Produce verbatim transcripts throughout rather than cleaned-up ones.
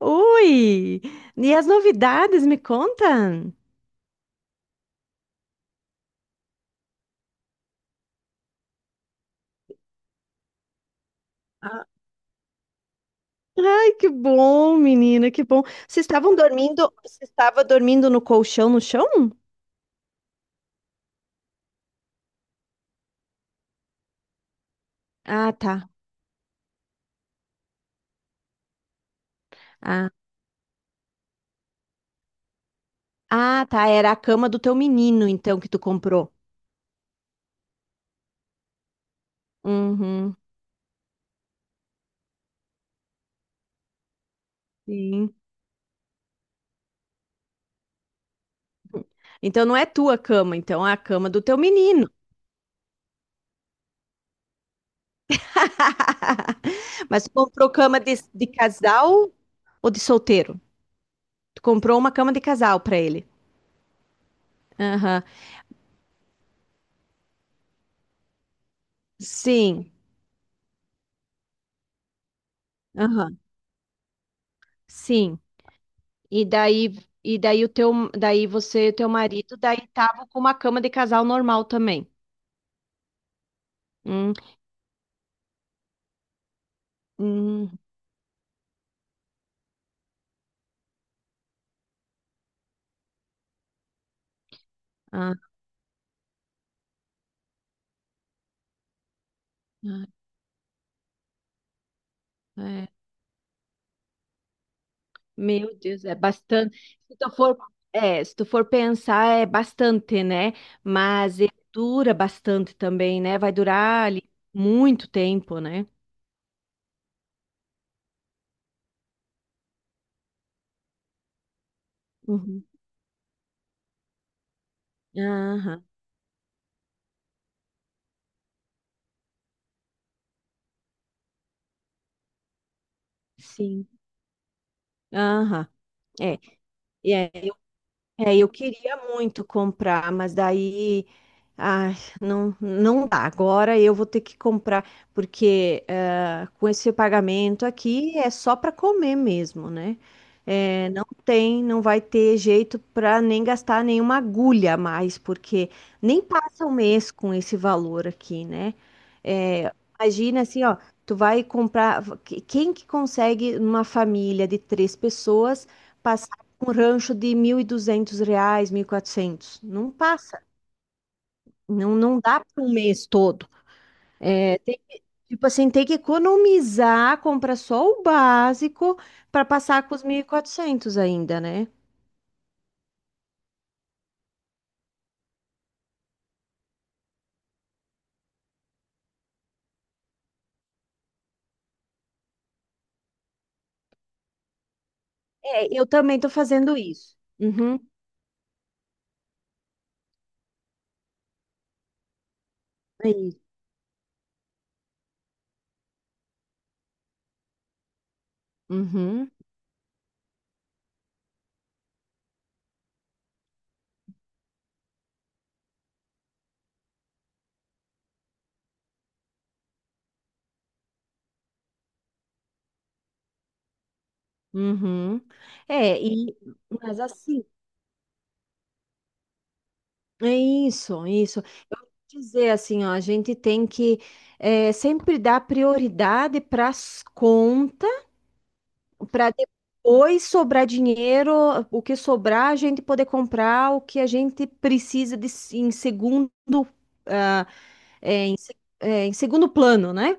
Ui! E as novidades, me conta? Ah. Ai, que bom, menina, que bom. Vocês estavam dormindo, você estava dormindo no colchão no chão? Ah, tá. Ah, ah, tá, era a cama do teu menino, então, que tu comprou. Uhum, sim. Então não é tua cama, então é a cama do teu menino. Mas tu comprou cama de, de casal ou de solteiro? Tu comprou uma cama de casal para ele. Aham. Sim. Aham. Sim. E daí, e daí o teu, daí você, teu marido, daí tava com uma cama de casal normal também. Hum, hum. Ah, ah. É. Meu Deus, é bastante. Se tu for, é, se tu for pensar, é bastante, né? Mas ele dura bastante também, né? Vai durar ali muito tempo, né? Uhum. Aham, sim. Aham. É, e é, eu, é, eu queria muito comprar, mas daí Ai, não, não dá. Agora eu vou ter que comprar, porque eh, com esse pagamento aqui é só para comer mesmo, né? Eh, não tem, não vai ter jeito para nem gastar nenhuma agulha a mais, porque nem passa um mês com esse valor aqui, né? Eh, imagina assim, ó, tu vai comprar. que- Quem que consegue, numa família de três pessoas, passar um rancho de mil e duzentos reais, mil e quatrocentos? Não passa. Não, não dá para um mês todo. É, tem- tipo assim, tem que economizar, comprar só o básico para passar com os mil e quatrocentos ainda, né? É, eu também tô fazendo isso. Uhum, é isso. Uhum, uhum. É, e, mas assim, é isso, é isso. Eu vou dizer assim, ó, a gente tem que é, sempre dar prioridade para as para depois sobrar dinheiro, o que sobrar, a gente poder comprar o que a gente precisa de, em segundo, ah, é, em segundo plano, né?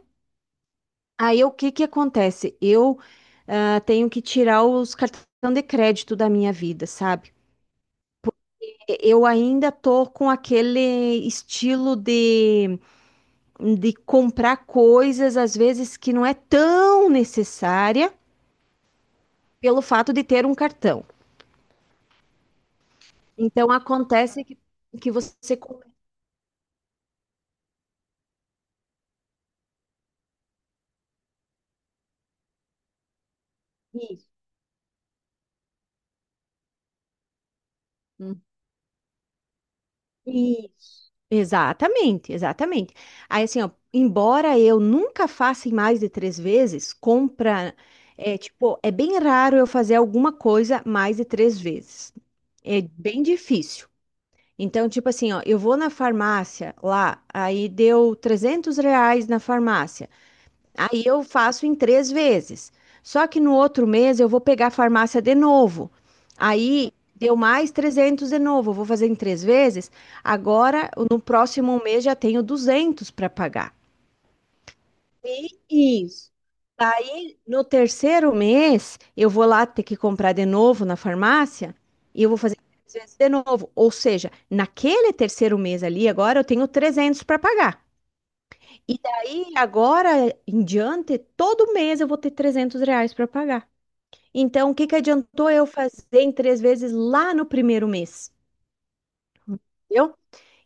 Aí o que que acontece? Eu ah, tenho que tirar os cartões de crédito da minha vida, sabe? Eu ainda tô com aquele estilo de, de comprar coisas, às vezes, que não é tão necessária pelo fato de ter um cartão. Então acontece que, que você com- Isso. Hum. Isso. Exatamente, exatamente. Aí, assim, ó, embora eu nunca faça em mais de três vezes, compra, é, tipo, é bem raro eu fazer alguma coisa mais de três vezes. É bem difícil. Então, tipo assim, ó, eu vou na farmácia lá, aí deu trezentos reais na farmácia. Aí eu faço em três vezes. Só que no outro mês eu vou pegar a farmácia de novo. Aí deu mais trezentos de novo. Eu vou fazer em três vezes. Agora, no próximo mês, já tenho duzentos para pagar. Isso. Aí, no terceiro mês, eu vou lá ter que comprar de novo na farmácia e eu vou fazer três vezes de novo. Ou seja, naquele terceiro mês ali, agora eu tenho trezentos para pagar. E daí, agora em diante, todo mês eu vou ter trezentos reais para pagar. Então, o que que adiantou eu fazer em três vezes lá no primeiro mês? Entendeu?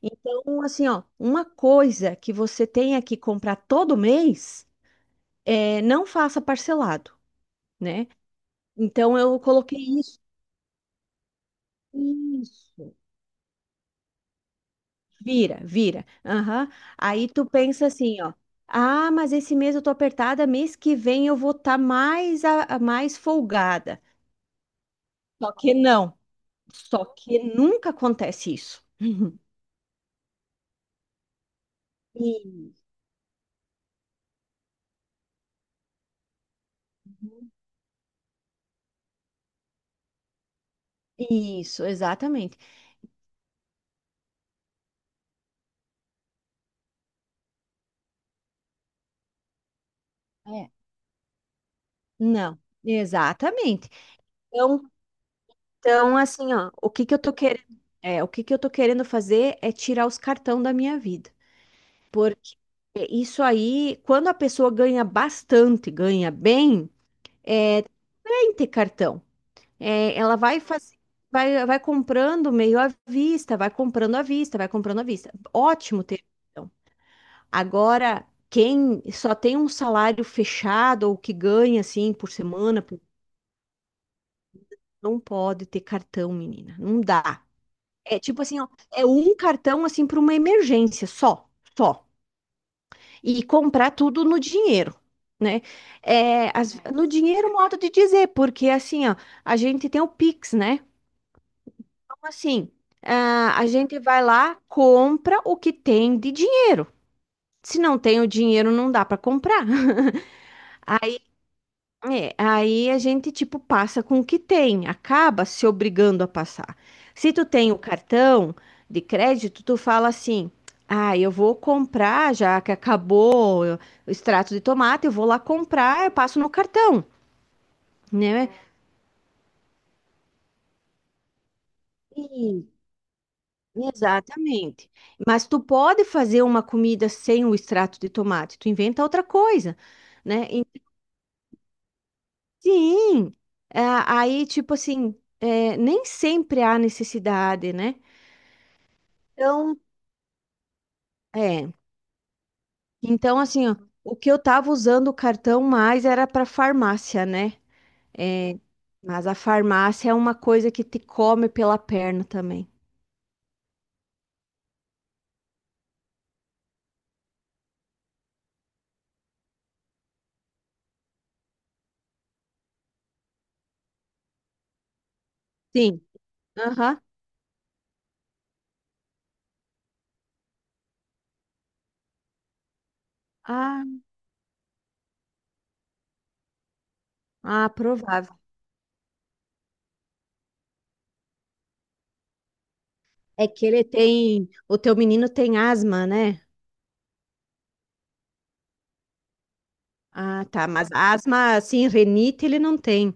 Então, assim, ó, uma coisa que você tenha que comprar todo mês, é, não faça parcelado, né? Então, eu coloquei isso. Isso. Vira, vira. Aham. Aí tu pensa assim, ó. Ah, mas esse mês eu tô apertada, mês que vem eu vou estar mais, a, a- mais folgada. Só que não. Só que nunca acontece isso. E- Isso, exatamente. É. Não, exatamente. Então, então, assim, ó, o que que eu tô querendo, é, o que que eu tô querendo fazer é tirar os cartão da minha vida. Porque isso aí, quando a pessoa ganha bastante, ganha bem, é bem ter cartão. É, ela vai fazer, vai, vai comprando meio à vista, vai comprando à vista, vai comprando à vista. Ótimo ter cartão. Agora, quem só tem um salário fechado ou que ganha assim por semana, por- não pode ter cartão, menina. Não dá. É tipo assim, ó, é um cartão assim para uma emergência só, só. E comprar tudo no dinheiro. Né? É, as- no dinheiro, modo de dizer, porque assim, ó, a gente tem o Pix, né? Então, assim, ah, a gente vai lá, compra o que tem de dinheiro. Se não tem o dinheiro, não dá para comprar. É, aí a gente, tipo, passa com o que tem, acaba se obrigando a passar. Se tu tem o cartão de crédito, tu fala assim: ah, eu vou comprar, já que acabou o extrato de tomate, eu vou lá comprar, eu passo no cartão, né? E- exatamente. Mas tu pode fazer uma comida sem o extrato de tomate, tu inventa outra coisa, né? E- Sim. É, aí, tipo assim, é, nem sempre há necessidade, né? Então, é. Então, assim, ó, o que eu tava usando o cartão mais era para farmácia, né? É, mas a farmácia é uma coisa que te come pela perna também. Sim. Aham. Ah, ah, provável. É que ele tem. O teu menino tem asma, né? Ah, tá. Mas asma, assim, renite, ele não tem.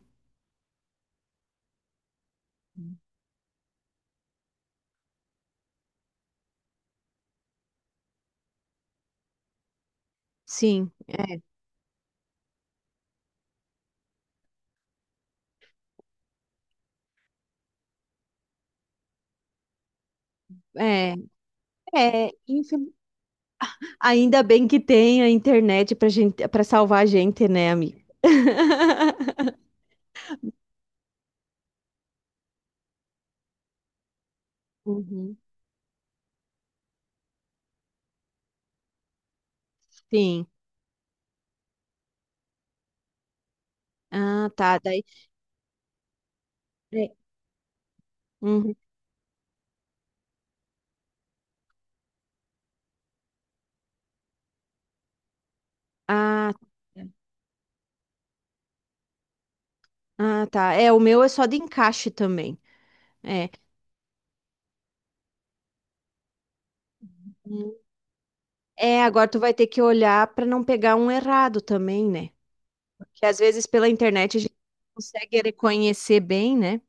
Sim. É, é, enfim. Ainda bem que tem a internet pra gente, para salvar a gente, né, amiga? Uhum. Sim. Ah, tá. Daí. É, uhum. Ah, ah, tá. É, o meu é só de encaixe também. É. Hum. É, agora tu vai ter que olhar para não pegar um errado também, né? Porque às vezes pela internet a gente consegue reconhecer bem, né?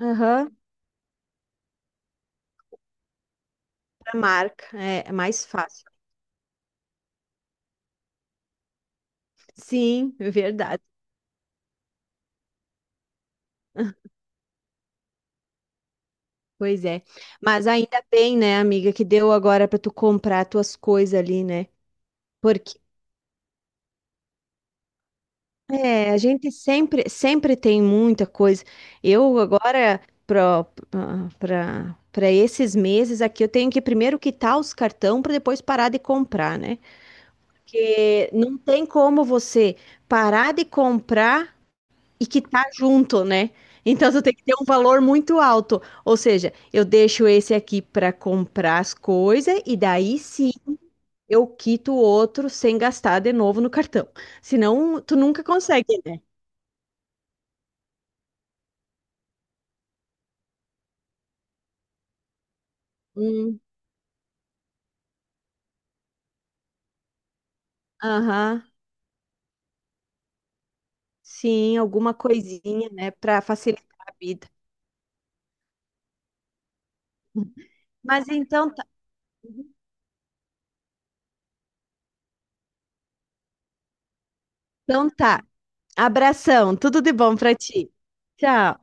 Aham, pra marca. É, é mais fácil. Sim, é verdade. Pois é. Mas ainda bem, né, amiga, que deu agora para tu comprar tuas coisas ali, né? Porque É, a gente sempre, sempre tem muita coisa. Eu agora, para para esses meses aqui, eu tenho que primeiro quitar os cartão para depois parar de comprar, né? Porque não tem como você parar de comprar e quitar junto, né? Então, você tem que ter um valor muito alto. Ou seja, eu deixo esse aqui para comprar as coisas e daí sim eu quito o outro sem gastar de novo no cartão. Senão, tu nunca consegue, né? Aham, sim, alguma coisinha, né, para facilitar a vida. Mas então tá. Então tá. Abração, tudo de bom para ti. Tchau.